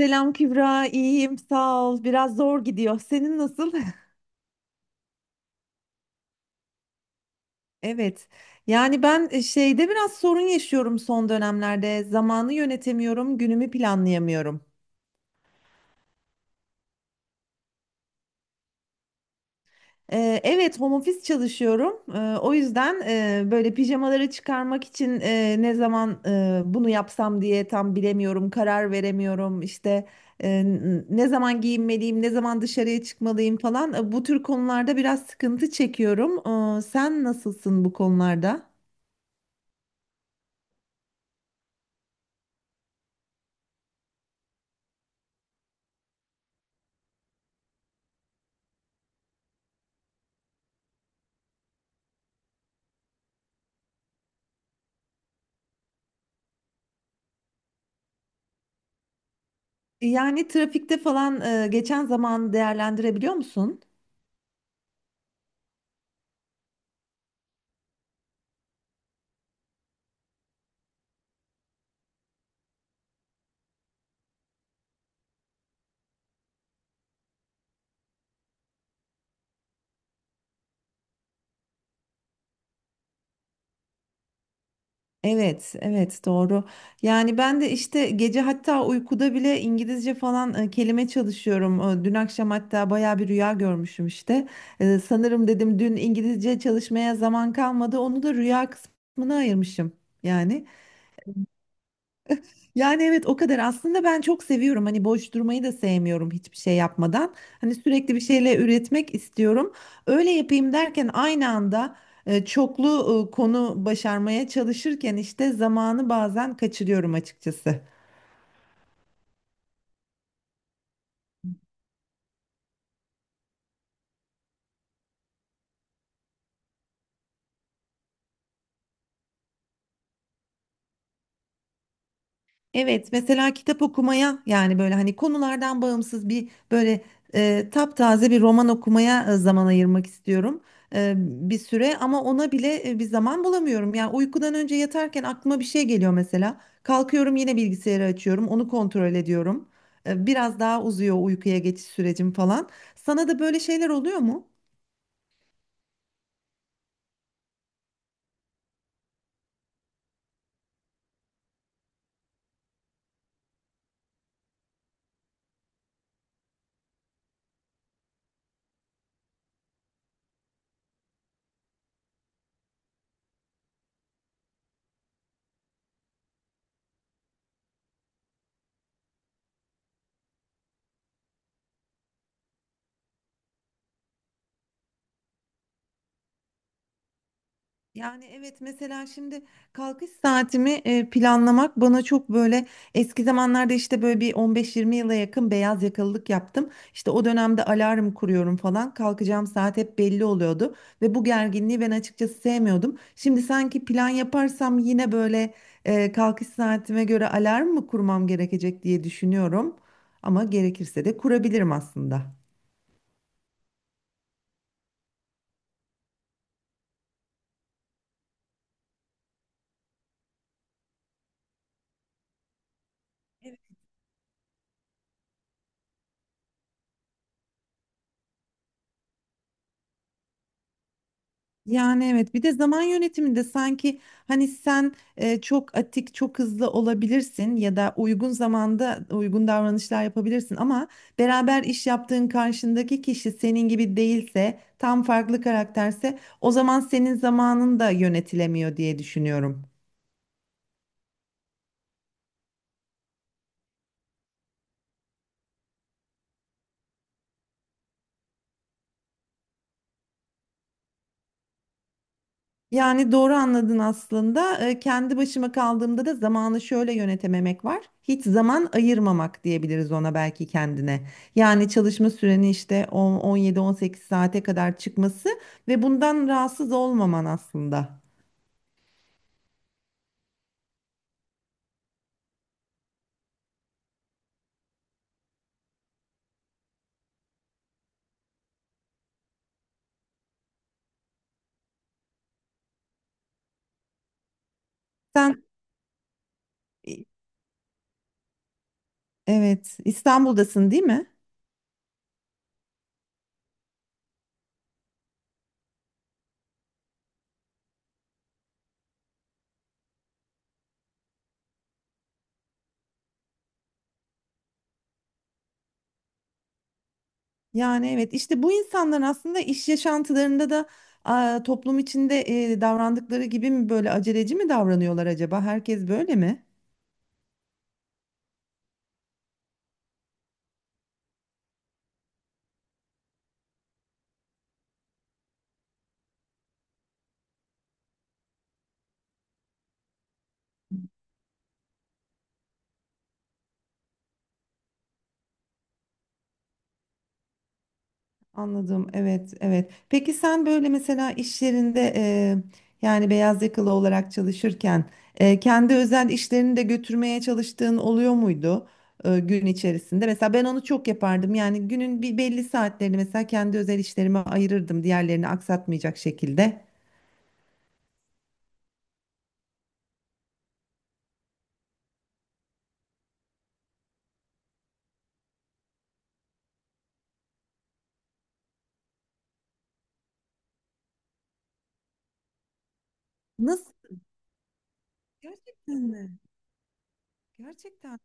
Selam Kübra, iyiyim, sağ ol. Biraz zor gidiyor. Senin nasıl? Evet. Yani ben şeyde biraz sorun yaşıyorum son dönemlerde. Zamanı yönetemiyorum, günümü planlayamıyorum. Evet, home office çalışıyorum. O yüzden böyle pijamaları çıkarmak için ne zaman bunu yapsam diye tam bilemiyorum, karar veremiyorum. İşte ne zaman giyinmeliyim, ne zaman dışarıya çıkmalıyım falan. Bu tür konularda biraz sıkıntı çekiyorum. Sen nasılsın bu konularda? Yani trafikte falan geçen zamanı değerlendirebiliyor musun? Evet, evet, doğru. Yani ben de işte gece, hatta uykuda bile İngilizce falan kelime çalışıyorum. Dün akşam hatta baya bir rüya görmüşüm işte. Sanırım dedim dün İngilizce çalışmaya zaman kalmadı. Onu da rüya kısmına ayırmışım yani. Yani evet, o kadar. Aslında ben çok seviyorum, hani boş durmayı da sevmiyorum hiçbir şey yapmadan, hani sürekli bir şeyle üretmek istiyorum, öyle yapayım derken aynı anda çoklu konu başarmaya çalışırken işte zamanı bazen kaçırıyorum açıkçası. Evet, mesela kitap okumaya, yani böyle hani konulardan bağımsız bir böyle taptaze bir roman okumaya zaman ayırmak istiyorum bir süre, ama ona bile bir zaman bulamıyorum. Yani uykudan önce yatarken aklıma bir şey geliyor mesela. Kalkıyorum, yine bilgisayarı açıyorum, onu kontrol ediyorum. Biraz daha uzuyor uykuya geçiş sürecim falan. Sana da böyle şeyler oluyor mu? Yani evet, mesela şimdi kalkış saatimi planlamak bana çok böyle, eski zamanlarda işte böyle bir 15-20 yıla yakın beyaz yakalılık yaptım. İşte o dönemde alarm kuruyorum falan, kalkacağım saat hep belli oluyordu ve bu gerginliği ben açıkçası sevmiyordum. Şimdi sanki plan yaparsam yine böyle kalkış saatime göre alarm mı kurmam gerekecek diye düşünüyorum, ama gerekirse de kurabilirim aslında. Evet. Yani evet, bir de zaman yönetiminde sanki, hani sen çok atik, çok hızlı olabilirsin ya da uygun zamanda uygun davranışlar yapabilirsin ama beraber iş yaptığın karşındaki kişi senin gibi değilse, tam farklı karakterse, o zaman senin zamanın da yönetilemiyor diye düşünüyorum. Yani doğru anladın aslında. Kendi başıma kaldığımda da zamanı şöyle yönetememek var. Hiç zaman ayırmamak diyebiliriz ona belki, kendine. Yani çalışma süreni işte 17-18 saate kadar çıkması ve bundan rahatsız olmaman aslında. Sen evet, İstanbul'dasın değil mi? Yani evet, işte bu insanların aslında iş yaşantılarında da, toplum içinde davrandıkları gibi mi böyle aceleci mi davranıyorlar acaba? Herkes böyle mi? Anladım. Evet, evet. Peki sen böyle, mesela iş yerinde yani beyaz yakalı olarak çalışırken kendi özel işlerini de götürmeye çalıştığın oluyor muydu gün içerisinde? Mesela ben onu çok yapardım. Yani günün bir belli saatlerini mesela kendi özel işlerime ayırırdım, diğerlerini aksatmayacak şekilde. Nasıl? Gerçekten mi? Gerçekten.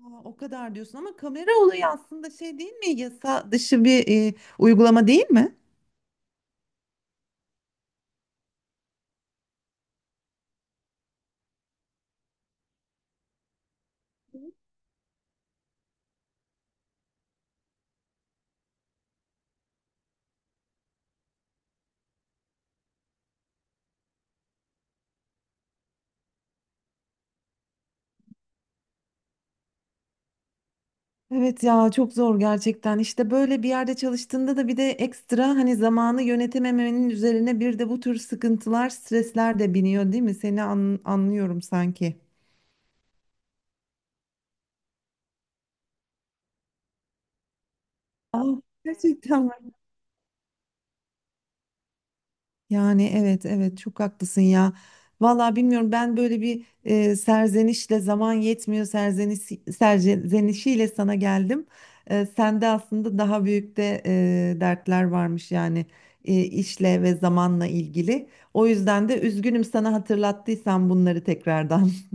Aa, o kadar diyorsun ama kamera olayı aslında şey değil mi? Yasa dışı bir uygulama değil mi? Evet ya, çok zor gerçekten. İşte böyle bir yerde çalıştığında da bir de ekstra, hani zamanı yönetememenin üzerine bir de bu tür sıkıntılar, stresler de biniyor değil mi? Seni anlıyorum sanki. Aa, gerçekten. Yani evet, evet, çok haklısın ya. Vallahi bilmiyorum, ben böyle bir serzenişle, zaman yetmiyor serzenişiyle sana geldim. Sende aslında daha büyük de dertler varmış yani, işle ve zamanla ilgili. O yüzden de üzgünüm sana hatırlattıysam bunları tekrardan.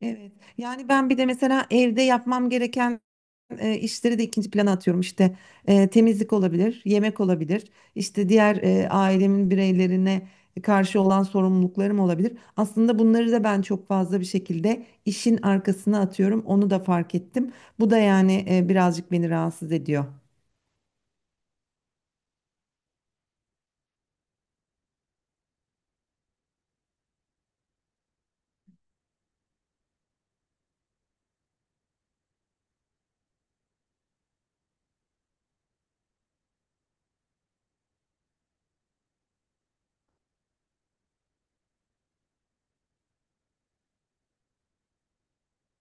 Evet, yani ben bir de mesela evde yapmam gereken işleri de ikinci plana atıyorum. İşte temizlik olabilir, yemek olabilir, işte diğer ailemin bireylerine karşı olan sorumluluklarım olabilir. Aslında bunları da ben çok fazla bir şekilde işin arkasına atıyorum. Onu da fark ettim. Bu da yani birazcık beni rahatsız ediyor.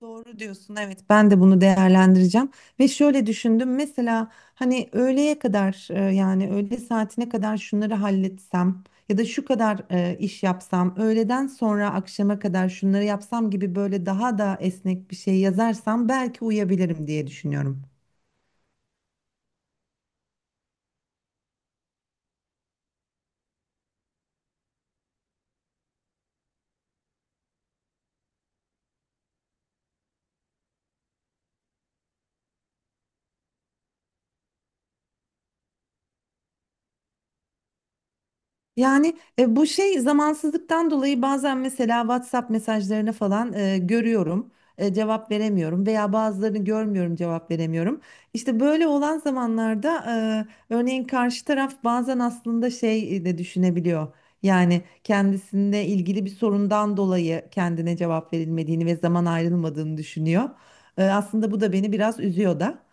Doğru diyorsun. Evet, ben de bunu değerlendireceğim ve şöyle düşündüm. Mesela, hani öğleye kadar yani öğle saatine kadar şunları halletsem ya da şu kadar iş yapsam, öğleden sonra akşama kadar şunları yapsam gibi, böyle daha da esnek bir şey yazarsam belki uyabilirim diye düşünüyorum. Yani bu şey zamansızlıktan dolayı bazen mesela WhatsApp mesajlarını falan görüyorum, cevap veremiyorum veya bazılarını görmüyorum, cevap veremiyorum. İşte böyle olan zamanlarda örneğin karşı taraf bazen aslında şey de düşünebiliyor. Yani kendisinde ilgili bir sorundan dolayı kendine cevap verilmediğini ve zaman ayrılmadığını düşünüyor. Aslında bu da beni biraz üzüyor da.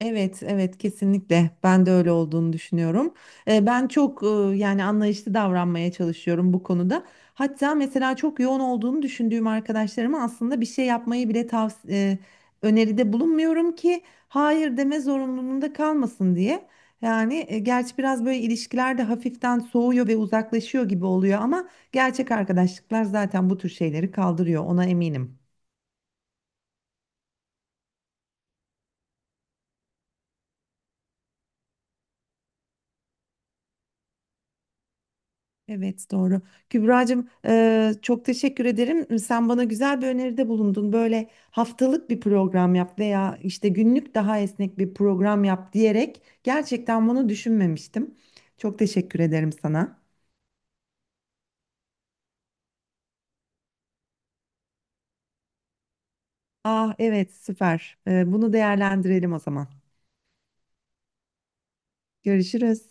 Evet, evet, kesinlikle ben de öyle olduğunu düşünüyorum. Ben çok yani anlayışlı davranmaya çalışıyorum bu konuda. Hatta mesela çok yoğun olduğunu düşündüğüm arkadaşlarıma aslında bir şey yapmayı bile öneride bulunmuyorum ki hayır deme zorunluluğunda kalmasın diye. Yani gerçi biraz böyle ilişkiler de hafiften soğuyor ve uzaklaşıyor gibi oluyor, ama gerçek arkadaşlıklar zaten bu tür şeyleri kaldırıyor, ona eminim. Evet, doğru. Kübra'cığım, çok teşekkür ederim. Sen bana güzel bir öneride bulundun. Böyle haftalık bir program yap veya işte günlük daha esnek bir program yap diyerek, gerçekten bunu düşünmemiştim. Çok teşekkür ederim sana. Ah evet, süper. Bunu değerlendirelim o zaman. Görüşürüz.